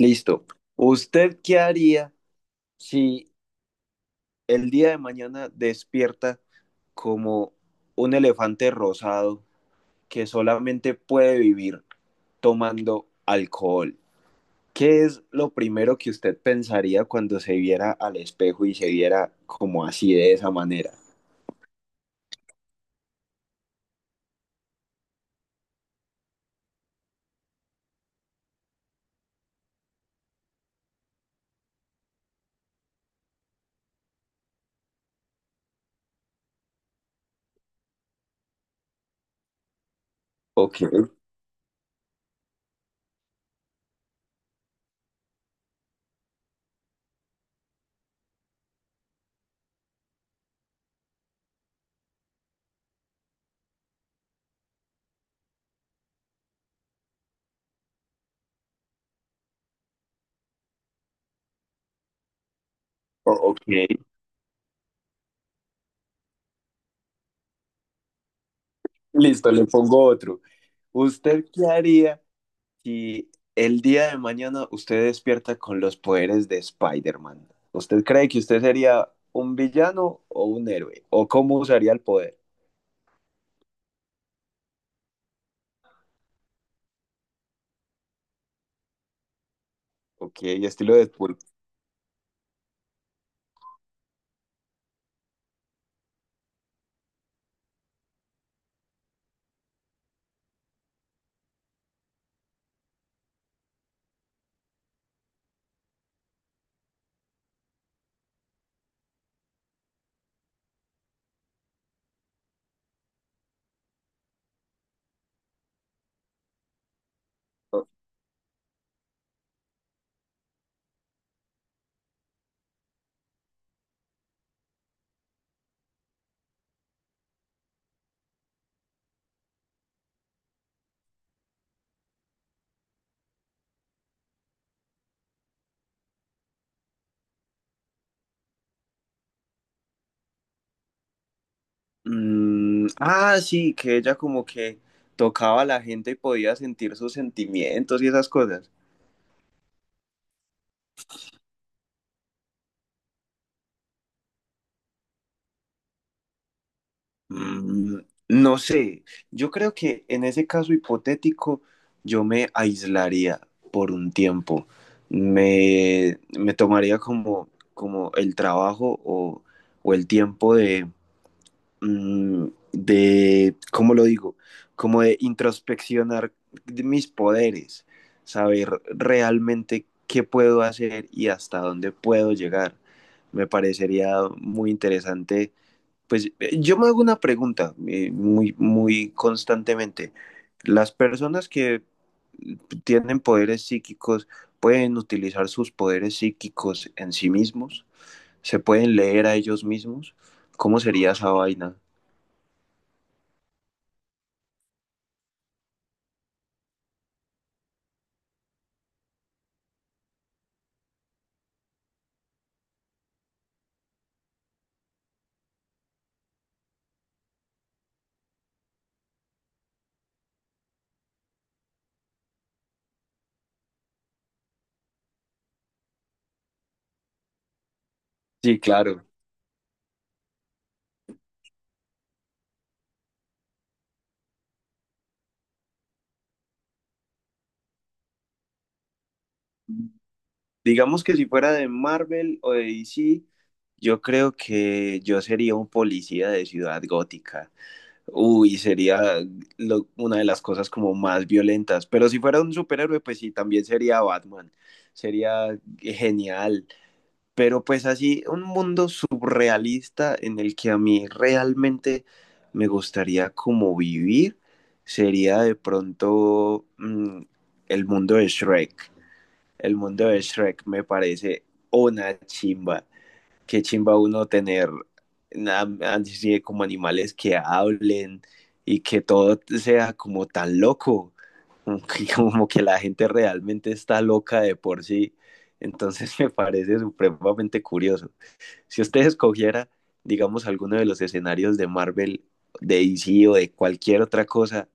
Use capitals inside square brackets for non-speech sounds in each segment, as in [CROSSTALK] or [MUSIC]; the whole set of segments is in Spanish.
Listo. ¿Usted qué haría si el día de mañana despierta como un elefante rosado que solamente puede vivir tomando alcohol? ¿Qué es lo primero que usted pensaría cuando se viera al espejo y se viera como así de esa manera? Ok, ok. Listo, le pongo otro. ¿Usted qué haría si el día de mañana usted despierta con los poderes de Spider-Man? ¿Usted cree que usted sería un villano o un héroe? ¿O cómo usaría el poder? Ok, estilo Deadpool. Mm, ah, sí, que ella como que tocaba a la gente y podía sentir sus sentimientos y esas cosas. Mm, no sé, yo creo que en ese caso hipotético yo me aislaría por un tiempo. Me tomaría como el trabajo o el tiempo mm, ¿cómo lo digo? Como de introspeccionar de mis poderes, saber realmente qué puedo hacer y hasta dónde puedo llegar. Me parecería muy interesante pues yo me hago una pregunta muy, muy constantemente. Las personas que tienen poderes psíquicos pueden utilizar sus poderes psíquicos en sí mismos, se pueden leer a ellos mismos. ¿Cómo sería esa vaina? Sí, claro. Digamos que si fuera de Marvel o de DC, yo creo que yo sería un policía de Ciudad Gótica. Uy, sería una de las cosas como más violentas. Pero si fuera un superhéroe, pues sí, también sería Batman. Sería genial. Pero pues así, un mundo surrealista en el que a mí realmente me gustaría como vivir, sería de pronto el mundo de Shrek. El mundo de Shrek me parece una chimba qué chimba uno tener nada así como animales que hablen y que todo sea como tan loco, como que [LAUGHS] como que la gente realmente está loca de por sí. Entonces [LAUGHS] me parece supremamente curioso. Si usted escogiera, digamos, alguno de los escenarios de Marvel, de DC o de cualquier otra cosa,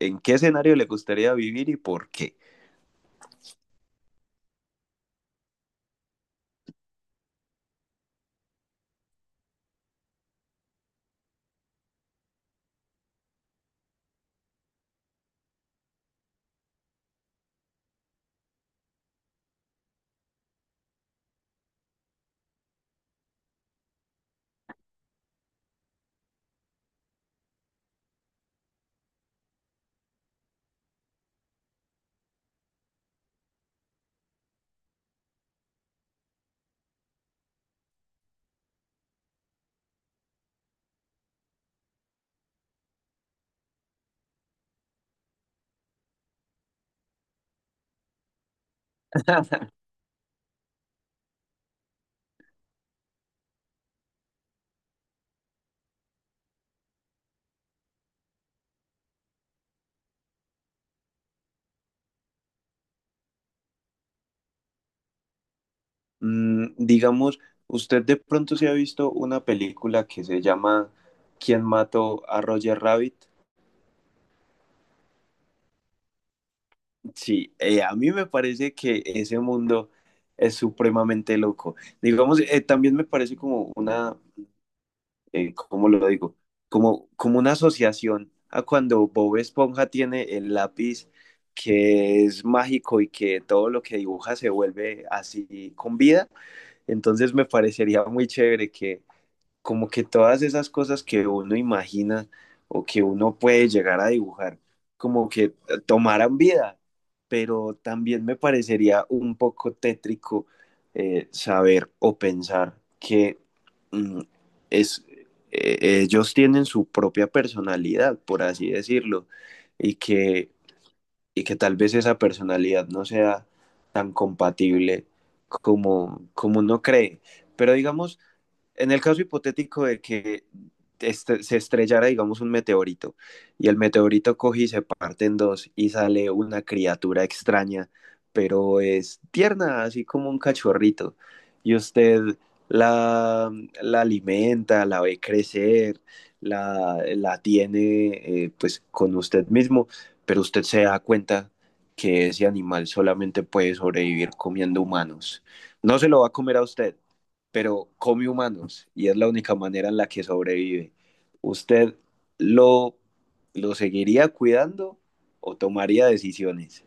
¿en qué escenario le gustaría vivir y por qué? [LAUGHS] Digamos, usted de pronto se ha visto una película que se llama ¿Quién mató a Roger Rabbit? Sí, a mí me parece que ese mundo es supremamente loco. Digamos, también me parece como una, ¿cómo lo digo? Como una asociación a cuando Bob Esponja tiene el lápiz que es mágico y que todo lo que dibuja se vuelve así con vida. Entonces me parecería muy chévere que como que todas esas cosas que uno imagina o que uno puede llegar a dibujar, como que tomaran vida, pero también me parecería un poco tétrico saber o pensar que mm, es, ellos tienen su propia personalidad, por así decirlo, y que, y que tal vez esa personalidad no sea tan compatible como uno cree. Pero digamos, en el caso hipotético de que se estrellara, digamos, un meteorito y el meteorito coge y se parte en dos y sale una criatura extraña, pero es tierna, así como un cachorrito, y usted la, la alimenta, la ve crecer, la tiene pues con usted mismo, pero usted se da cuenta que ese animal solamente puede sobrevivir comiendo humanos. No se lo va a comer a usted, pero come humanos y es la única manera en la que sobrevive. ¿Usted lo, lo seguiría cuidando o tomaría decisiones?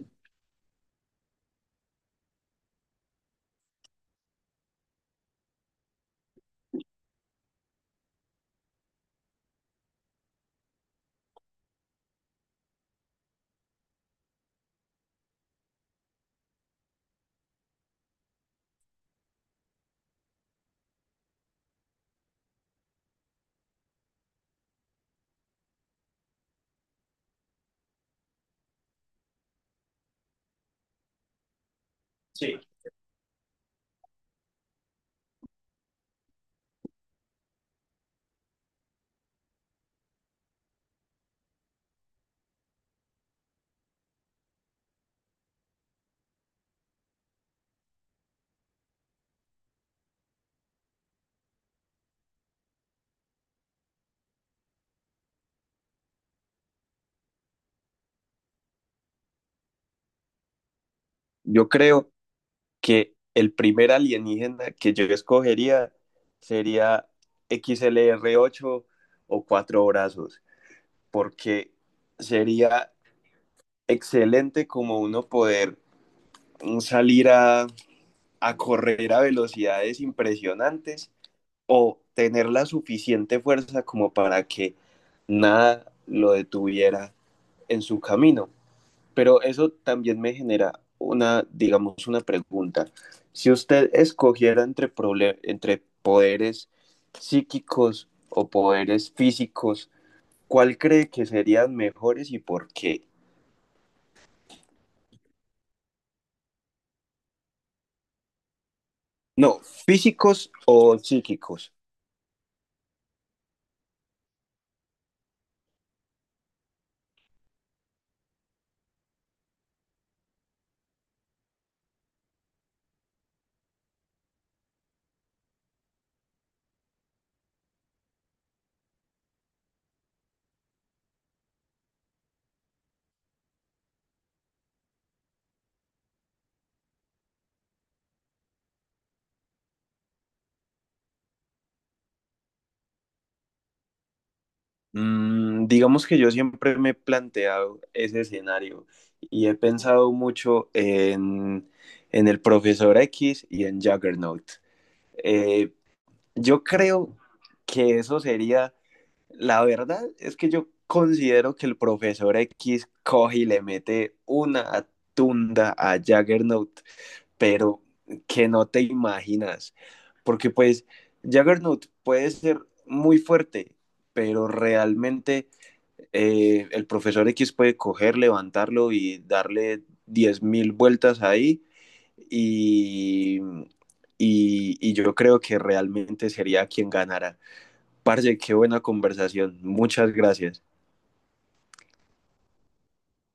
Sí. Yo creo que el primer alienígena que yo escogería sería XLR8 o cuatro brazos, porque sería excelente como uno poder salir a correr a velocidades impresionantes o tener la suficiente fuerza como para que nada lo detuviera en su camino. Pero eso también me genera una, digamos, una pregunta. Si usted escogiera entre poderes psíquicos o poderes físicos, ¿cuál cree que serían mejores y por qué? No, físicos o psíquicos. Digamos que yo siempre me he planteado ese escenario y he pensado mucho en el profesor X y en Juggernaut. Eh, yo creo que eso sería, la verdad es que yo considero que el profesor X coge y le mete una tunda a Juggernaut, pero que no te imaginas, porque pues Juggernaut puede ser muy fuerte, pero realmente el profesor X puede coger, levantarlo y darle 10.000 vueltas ahí y, yo creo que realmente sería quien ganara. Parce, qué buena conversación. Muchas gracias.